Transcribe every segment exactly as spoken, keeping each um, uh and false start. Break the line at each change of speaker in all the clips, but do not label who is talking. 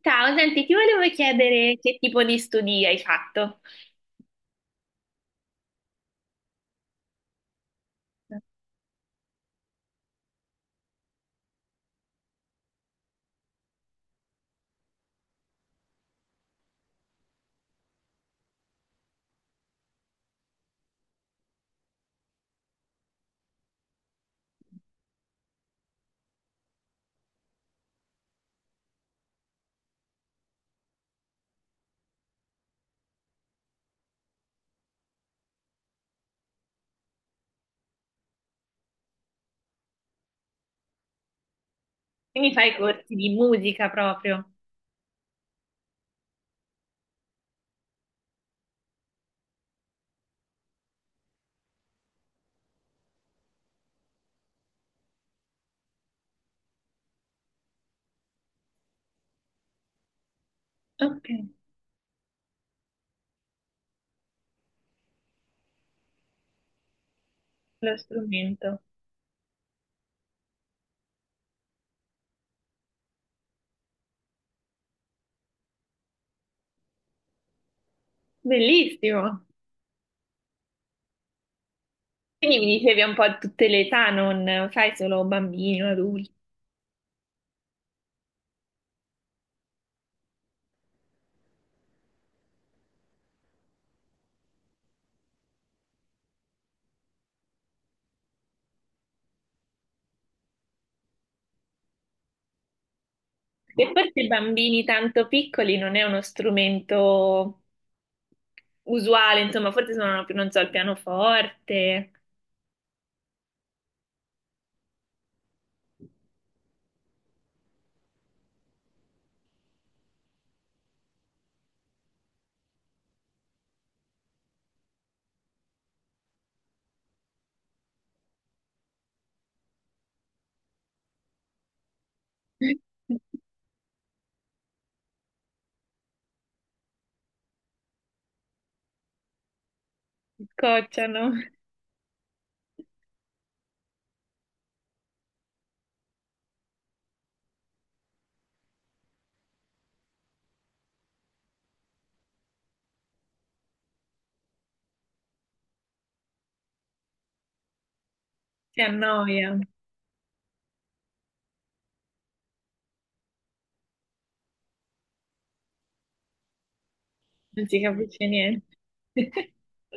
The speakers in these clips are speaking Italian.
Ciao, senti, ti volevo chiedere che tipo di studi hai fatto. Quindi fai corsi di musica proprio. Ok, lo strumento. Bellissimo. Quindi mi dicevi un po' a tutte le età, non fai solo bambini o adulti. E forse i bambini tanto piccoli non è uno strumento usuale, insomma, forse suonano più, non so, il pianoforte. Si scocciano, si annoia, non si capisce niente. Per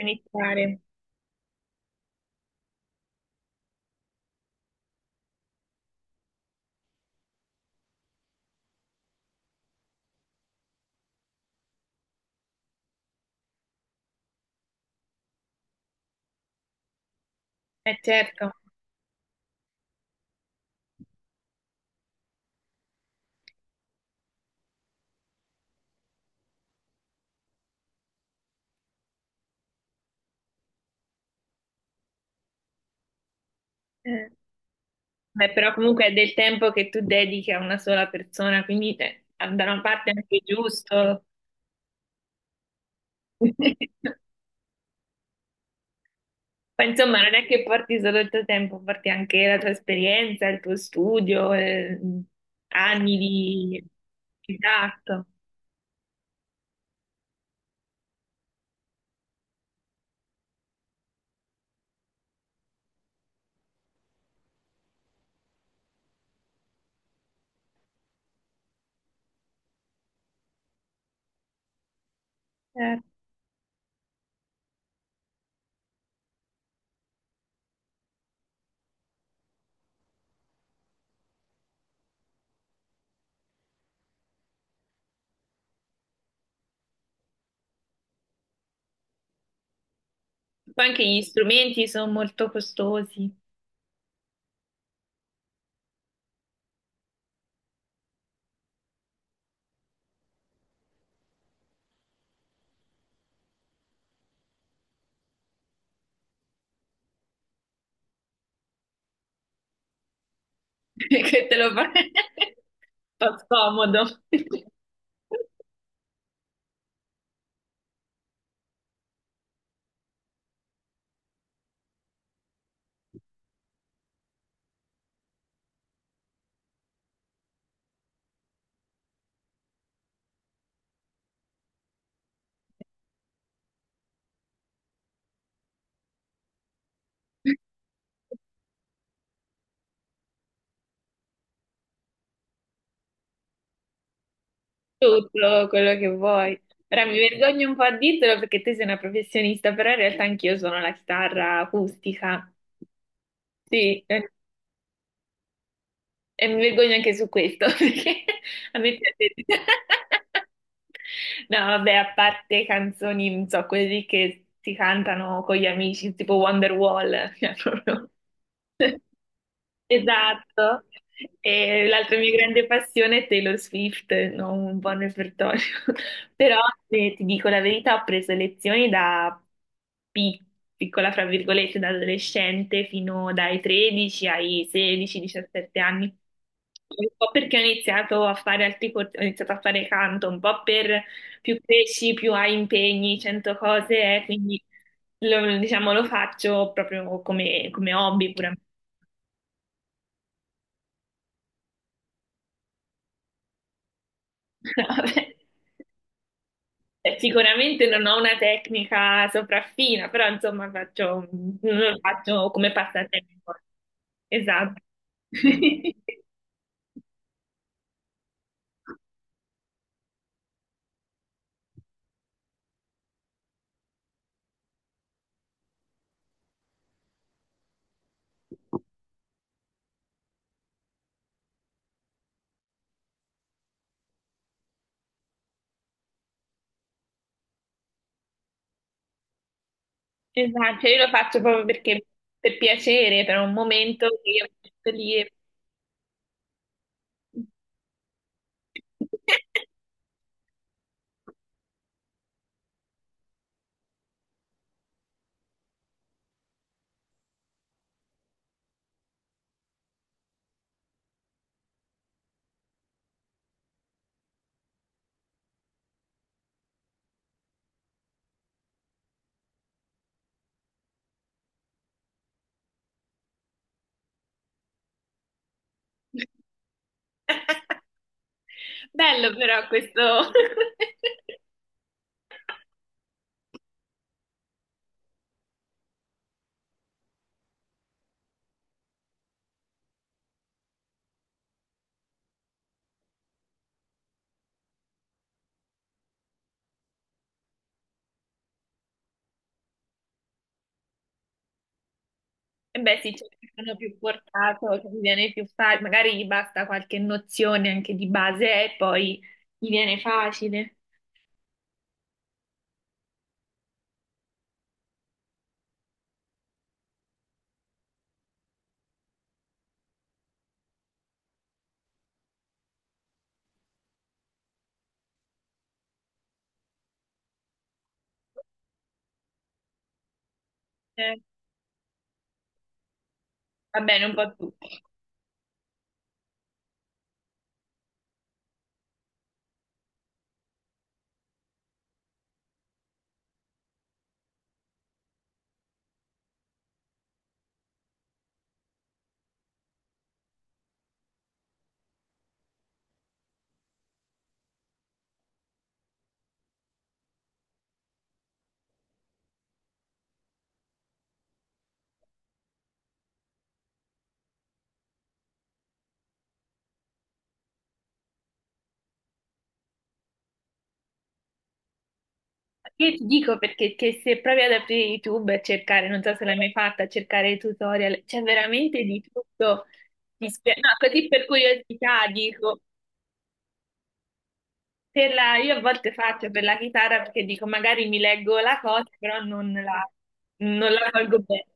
iniziare. Eh certo, eh, beh, però comunque è del tempo che tu dedichi a una sola persona, quindi eh, da una parte è anche giusto. Ma insomma, non è che porti solo il tuo tempo, porti anche la tua esperienza, il tuo studio, eh, anni di... Esatto. Certo. Poi anche gli strumenti sono molto costosi, che te lo fa un po' scomodo. Tutto quello che vuoi. Ora mi vergogno un po' a dirtelo perché te sei una professionista, però in realtà anch'io suono la chitarra acustica. Sì, eh, e mi vergogno anche su questo perché a me piace. No, vabbè, a parte canzoni, non so, quelli che si cantano con gli amici, tipo Wonderwall. Cioè, proprio esatto. E l'altra mia grande passione è Taylor Swift, non un buon repertorio. Però se ti dico la verità, ho preso lezioni da pi- piccola, fra virgolette, da adolescente fino dai tredici ai sedici diciassette anni. Un po' perché ho iniziato a fare altri corsi, ho iniziato a fare canto, un po' per più cresci, più hai impegni, cento cose, eh, quindi lo, diciamo, lo faccio proprio come, come hobby puramente. Vabbè, eh, sicuramente non ho una tecnica sopraffina, però insomma faccio, non lo faccio come passatempo. Esatto. Esatto, cioè, io lo faccio proprio perché per piacere, per un momento che io metto lì. E... Bello però questo. E beh, sì, c'è chi sono più portato, che mi viene più facile, magari gli basta qualche nozione anche di base e poi gli viene facile. Eh, va bene, un po' tutti. Io ti dico perché che se provi ad aprire YouTube e cercare, non so se l'hai mai fatta, a cercare tutorial, c'è veramente di tutto. Ti spie- No, così per curiosità dico, per la... io a volte faccio per la chitarra perché dico magari mi leggo la cosa, però non la, non la colgo bene.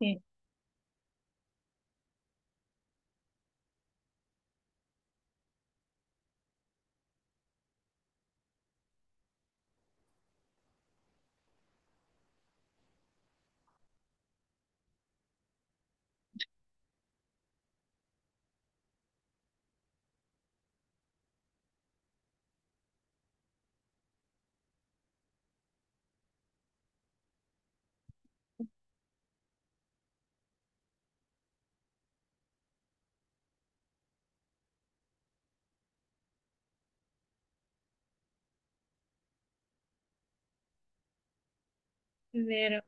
Sì, è vero.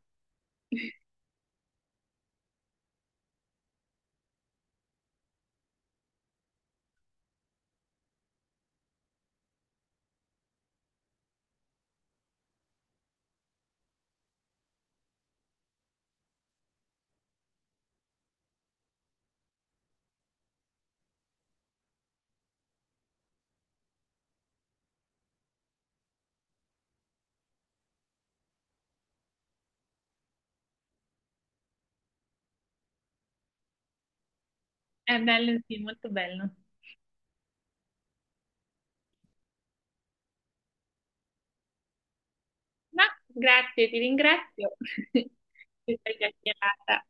È bello, sì, molto bello. Ma grazie, ti ringrazio per questa chiacchierata.